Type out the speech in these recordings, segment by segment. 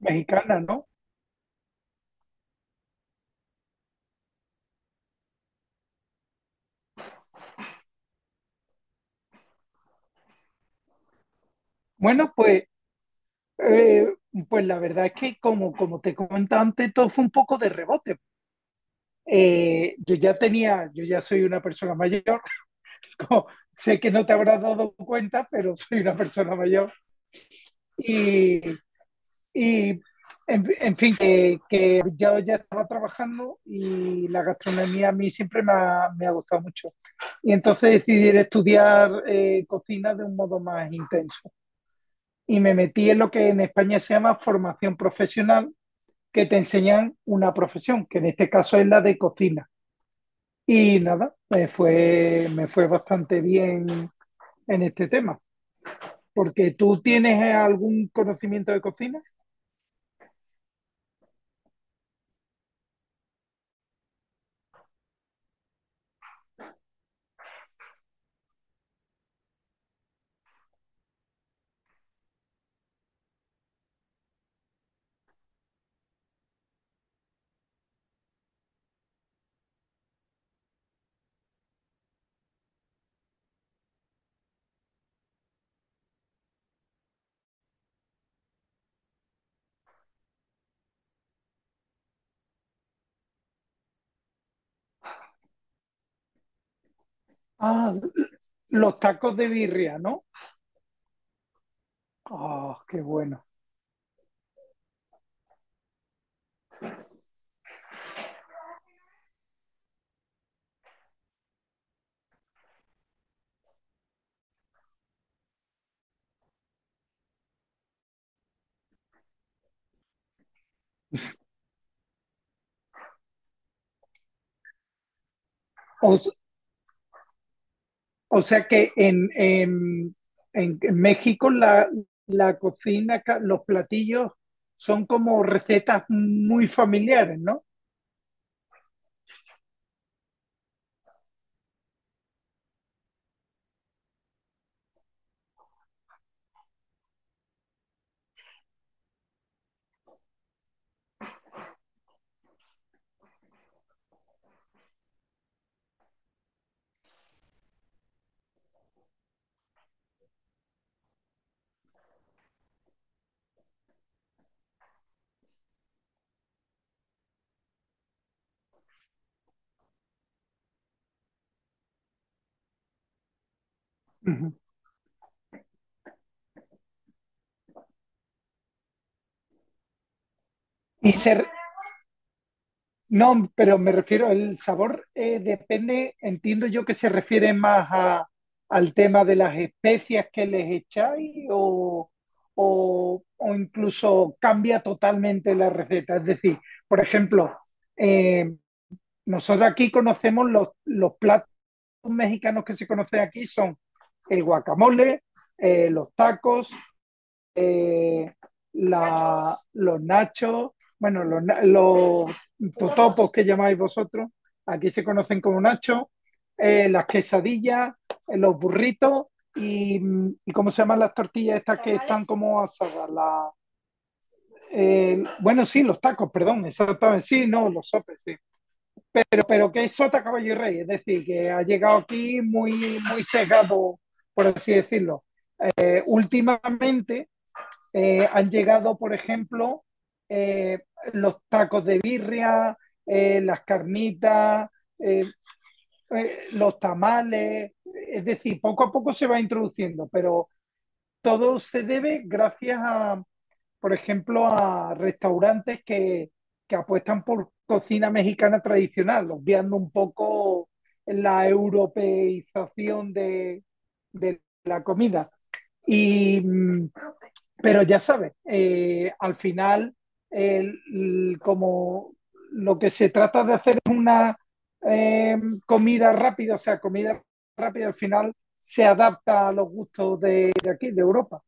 Mexicana, ¿no? Bueno, pues, eh, pues la verdad es que como te comentaba antes, todo fue un poco de rebote. Yo ya soy una persona mayor, como- sé que no te habrás dado cuenta, pero soy una persona mayor. Y, y, en fin, que yo ya estaba trabajando y la gastronomía a mí siempre me ha gustado mucho. Y entonces decidí estudiar cocina de un modo más intenso. Y me metí en lo que en España se llama formación profesional, que te enseñan una profesión, que en este caso es la de cocina. Y nada, me fue bastante bien en este tema, porque tú tienes algún conocimiento de cocina. Ah, los tacos de birria, ¿no? Ah, qué bueno. O, o sea que en México la cocina, los platillos son como recetas muy familiares, ¿no? Ujú. Y se, no, pero me refiero, el sabor depende, entiendo yo que se refiere más al tema de las especias que les echáis o incluso cambia totalmente la receta. Es decir, por ejemplo, eh, nosotros aquí conocemos los platos mexicanos que se conocen aquí son el guacamole, los tacos, eh, los nachos, bueno, los totopos que llamáis vosotros, aquí se conocen como nachos, las quesadillas, los burritos y, y ¿cómo se llaman las tortillas estas que están como asadas? Sí, los tacos, perdón, exactamente, sí, no, los sopes, sí. Pero que es sota, caballo y rey, es decir, que ha llegado aquí muy, muy sesgado, por así decirlo. Últimamente han llegado, por ejemplo, eh, los tacos de birria, las carnitas, eh, los tamales, es decir, poco a poco se va introduciendo, pero todo se debe gracias por ejemplo, a restaurantes que apuestan por cocina mexicana tradicional, obviando un poco la europeización de la comida. Y pero ya sabes, al final, como lo que se trata de hacer es una eh, comida rápida, o sea, comida rápida al final se adapta a los gustos de aquí, de Europa.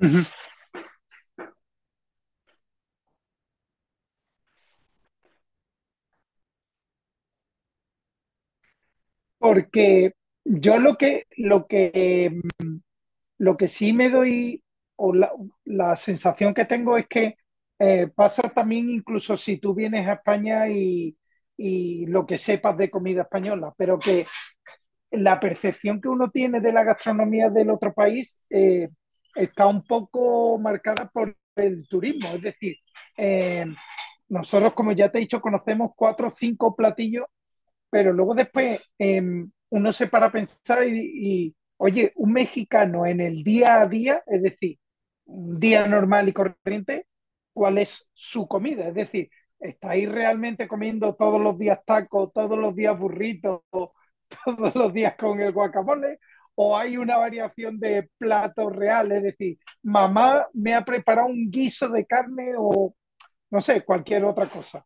Ujú. Porque yo lo que sí me doy, o la sensación que tengo es que pasa también incluso si tú vienes a España y lo que sepas de comida española, pero que la percepción que uno tiene de la gastronomía del otro país está un poco marcada por el turismo. Es decir, eh, nosotros, como ya te he dicho, conocemos cuatro o cinco platillos, pero luego después uno se para a pensar y oye, un mexicano en el día a día, es decir, un día normal y corriente, ¿cuál es su comida? Es decir, ¿estáis realmente comiendo todos los días tacos, todos los días burritos, todos los días con el guacamole o hay una variación de platos reales, es decir, mamá me ha preparado un guiso de carne o no sé, cualquier otra cosa?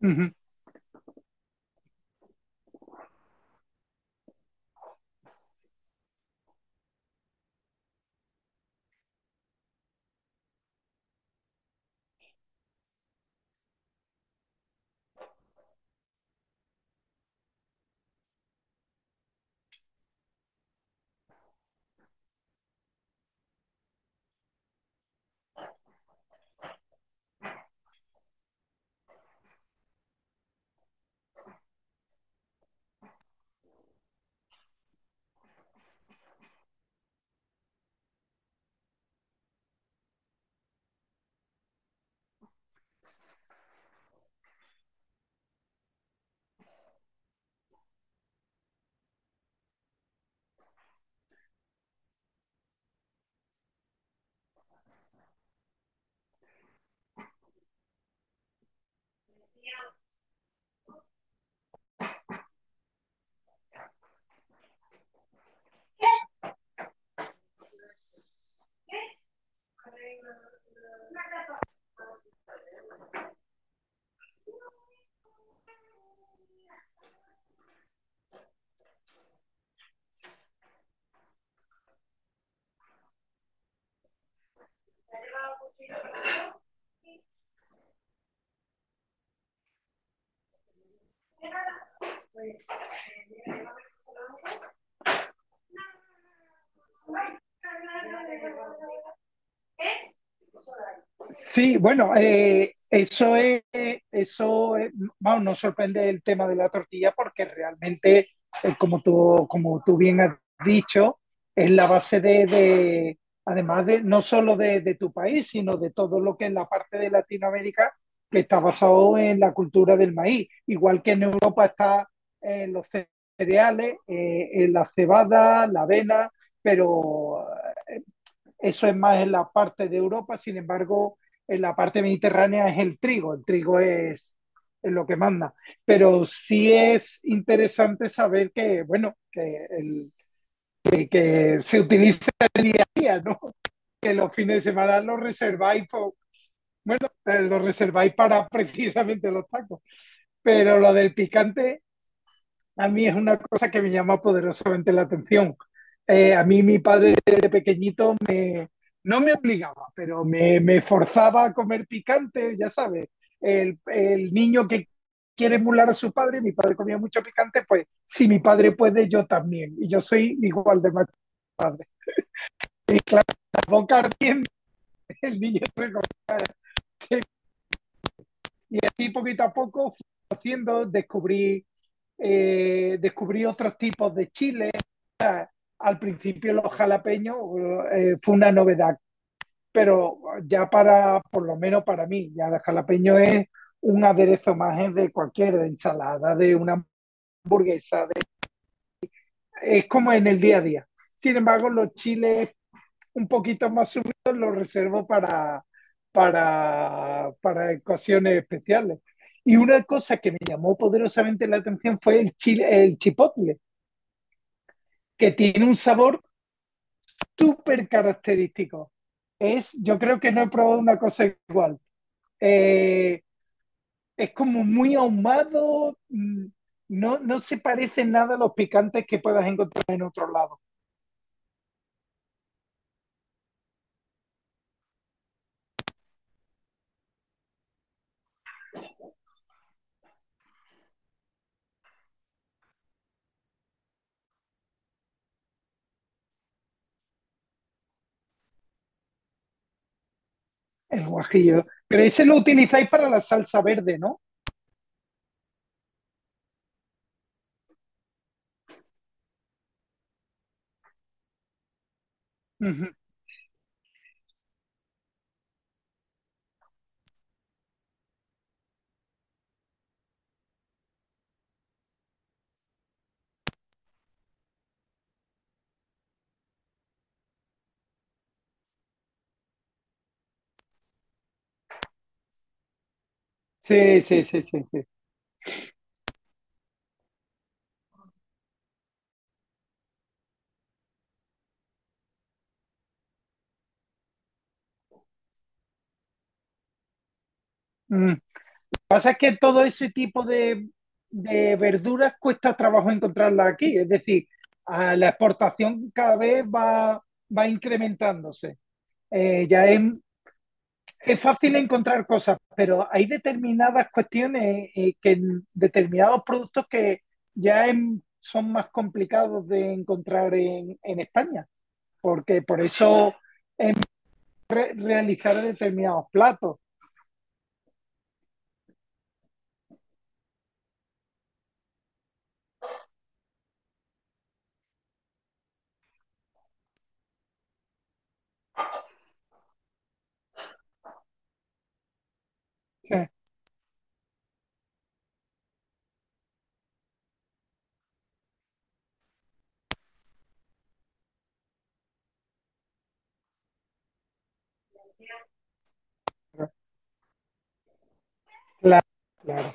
Ujú. Sí, bueno, eso es, vamos, nos sorprende el tema de la tortilla porque realmente, como tú bien has dicho, es la base de además de no solo de tu país, sino de todo lo que es la parte de Latinoamérica que está basado en la cultura del maíz, igual que en Europa está los cereales, en la cebada, la avena, pero eso es más en la parte de Europa, sin embargo, en la parte mediterránea es el trigo, es lo que manda. Pero sí es interesante saber que que se utiliza el día a día, ¿no? Que los fines de semana los reserváis, los reserváis para precisamente los tacos. Pero lo del picante a mí es una cosa que me llama poderosamente la atención. A mí mi padre de pequeñito no me obligaba, pero me forzaba a comer picante, ya sabes, niño que quiere emular a su padre, mi padre comía mucho picante, pues si mi padre puede, yo también. Y yo soy igual de mal padre. Y claro, la boca ardiente, el niño se, y así poquito a poco fui haciendo, descubrí otros tipos de chiles. Al principio los jalapeños fue una novedad, pero ya por lo menos para mí, ya el jalapeño es un aderezo más de cualquier de ensalada, de una hamburguesa, de- es como en el día a día. Sin embargo, los chiles un poquito más subido lo reservo para ocasiones especiales. Y una cosa que me llamó poderosamente la atención fue el chipotle, que tiene un sabor súper característico. Es, yo creo que no he probado una cosa igual. Eh, es como muy ahumado, no, no se parece nada a los picantes que puedas encontrar en otro lado, el guajillo. Pero ese lo utilizáis para la salsa verde, ¿no? Ujú. Sí, sí, sí, sí, sí. Mm. Pasa que todo ese tipo de verduras cuesta trabajo encontrarla aquí, es decir, a la exportación cada vez va incrementándose. Eh, ya es, es fácil encontrar cosas, pero hay determinadas cuestiones que en determinados productos que son más complicados de encontrar en España, porque por eso realizar determinados platos. Sí, claro, claro.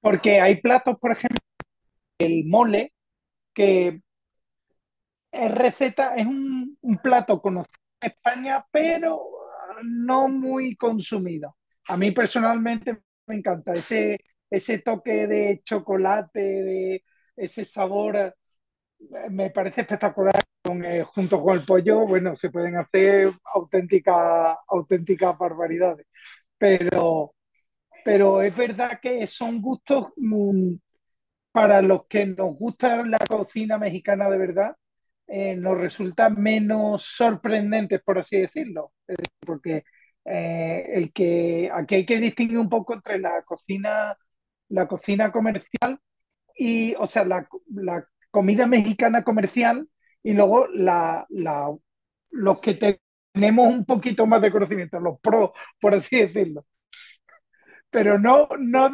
Porque hay platos, por ejemplo, el mole, que es receta, es un plato conocido en España, pero no muy consumido. A mí personalmente me encanta ese toque de chocolate, de ese sabor, me parece espectacular. Con, junto con el pollo, bueno, se pueden hacer auténticas auténticas barbaridades. Pero, pero es verdad que son gustos para los que nos gusta la cocina mexicana de verdad, nos resulta menos sorprendentes, por así decirlo. Es decir, porque aquí hay que distinguir un poco entre la cocina comercial y, o sea, la comida mexicana comercial y luego los que te- tenemos un poquito más de conocimiento, los pros, por así decirlo. Pero no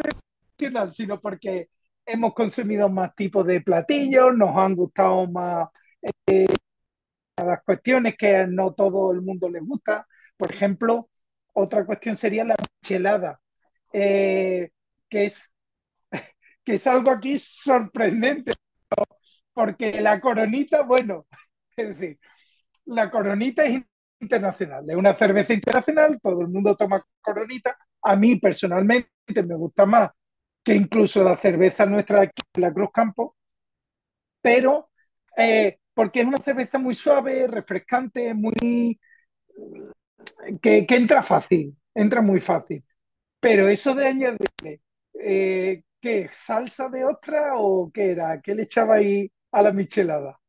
nacional, sino porque hemos consumido más tipos de platillos, nos han gustado más las cuestiones que no todo el mundo les gusta. Por ejemplo, otra cuestión sería la michelada, eh, que, es, que es algo aquí sorprendente, porque la coronita, bueno, es decir, la coronita es internacional, es una cerveza internacional, todo el mundo toma coronita. A mí personalmente me gusta más que incluso la cerveza nuestra aquí, la Cruz Campo, pero porque es una cerveza muy suave, refrescante, muy que entra fácil, entra muy fácil. Pero eso de añadirle, ¿qué? ¿Salsa de ostra o qué era? ¿Qué le echaba ahí a la michelada?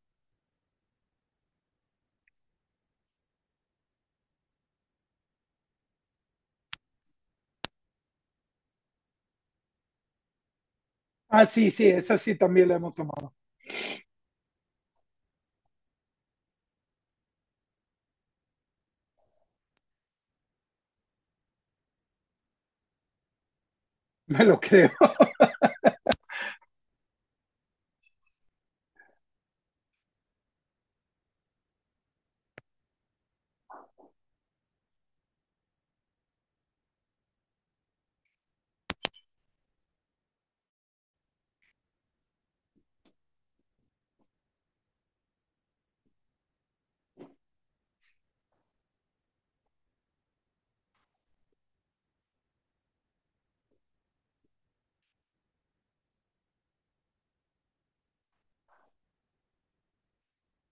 Ah, sí, sí, esa sí también la hemos tomado, me lo creo.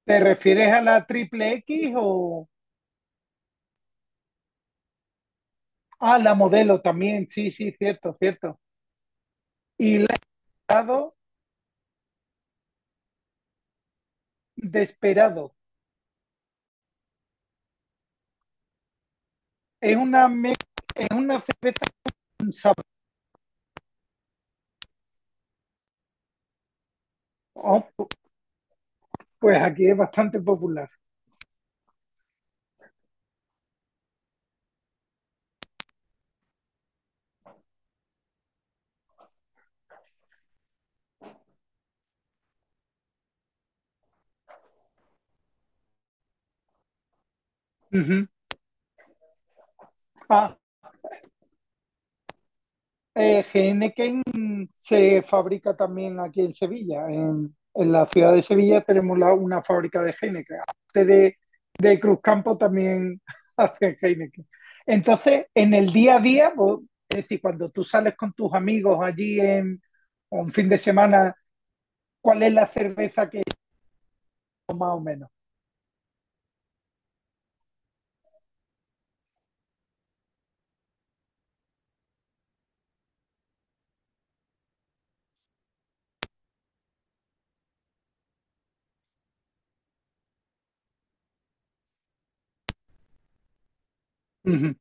¿Te refieres a la triple X o a la modelo también? Sí, sí, cierto, cierto. Y le he dado desperado. Es una, me- es una cerveza con sabor. Oh, pues aquí es bastante popular. Ujú. Ah, Heineken se fabrica también aquí en Sevilla. En la ciudad de Sevilla tenemos una fábrica de Heineken. Aparte de Cruzcampo también hacen Heineken. Entonces, en el día a día, es decir, cuando tú sales con tus amigos allí en o un fin de semana, ¿cuál es la cerveza que más o menos? Ujú.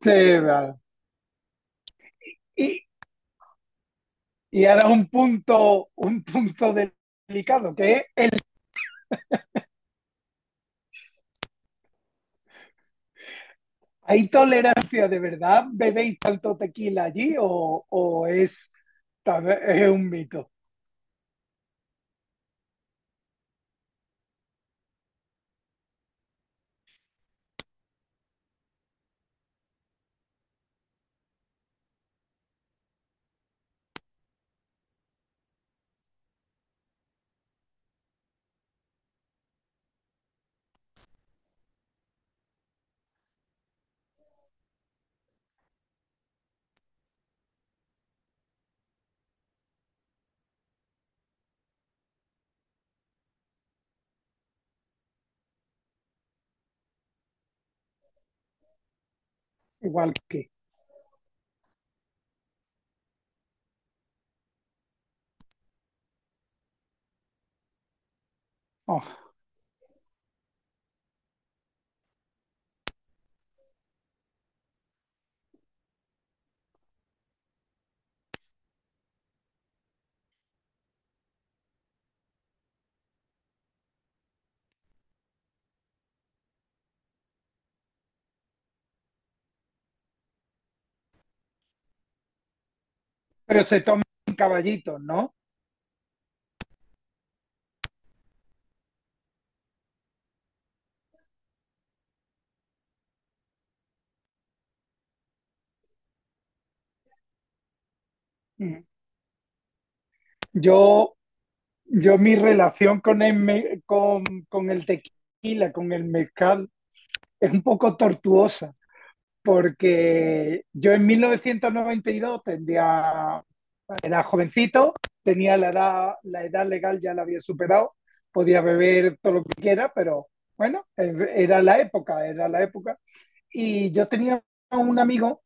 Sí, vale. Y, y ahora un punto delicado, que es ¿hay tolerancia de verdad? ¿Bebéis tanto tequila allí o tal vez es un mito? Igual que. Oh, pero se toman caballitos, ¿no? Mm. Yo, yo mi relación con con el tequila, con el mezcal, es un poco tortuosa, porque yo en 1992 tendría era jovencito, tenía la edad legal ya la había superado, podía beber todo lo que quiera, pero bueno, era la época, era la época. Y yo tenía un amigo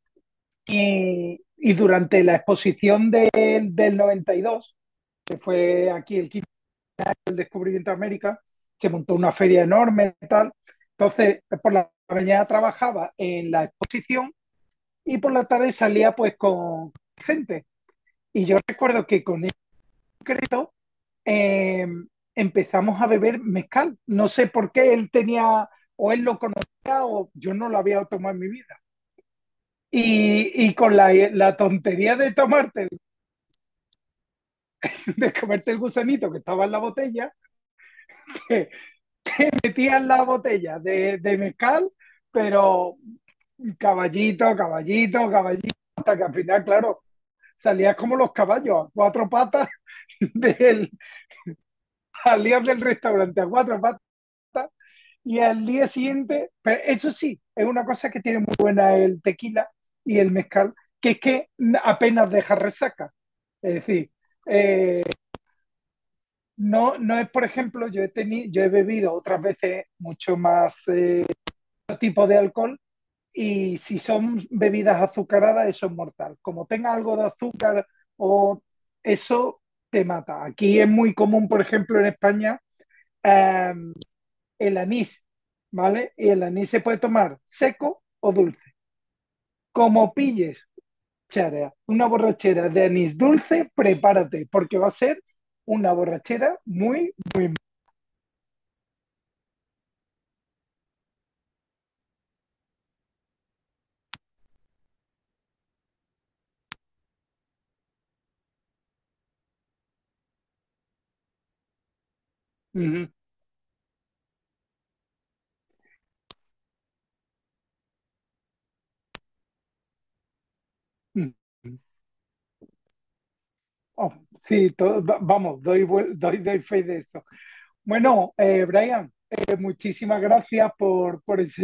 y durante la exposición del 92 que fue aquí el 15 del descubrimiento de América, se montó una feria enorme y tal. Entonces, por la mañana trabajaba en la exposición y por la tarde salía pues con gente. Y yo recuerdo que con el concreto eh, empezamos a beber mezcal. No sé por qué él tenía, o él lo conocía, o yo no lo había tomado en mi vida. Y con la tontería de tomarte, de comerte el gusanito que estaba en la botella, que metían la botella de mezcal, pero caballito, caballito, caballito, hasta que al final, claro, salías como los caballos, a cuatro patas, del, salías del restaurante a cuatro patas y al día siguiente, pero eso sí, es una cosa que tiene muy buena el tequila y el mezcal, que es que apenas deja resaca. Es decir, eh, no, no es, por ejemplo, yo he bebido otras veces mucho más otro tipo de alcohol y si son bebidas azucaradas, eso es mortal. Como tenga algo de azúcar o eso te mata. Aquí es muy común, por ejemplo, en España, eh, el anís, ¿vale? Y el anís se puede tomar seco o dulce. Como pilles chara, una borrachera de anís dulce, prepárate, porque va a ser una borrachera muy, muy... Ujú, ujú. Mm. Oh, sí, doy fe de eso. Bueno, Brian, muchísimas gracias por enseñarme.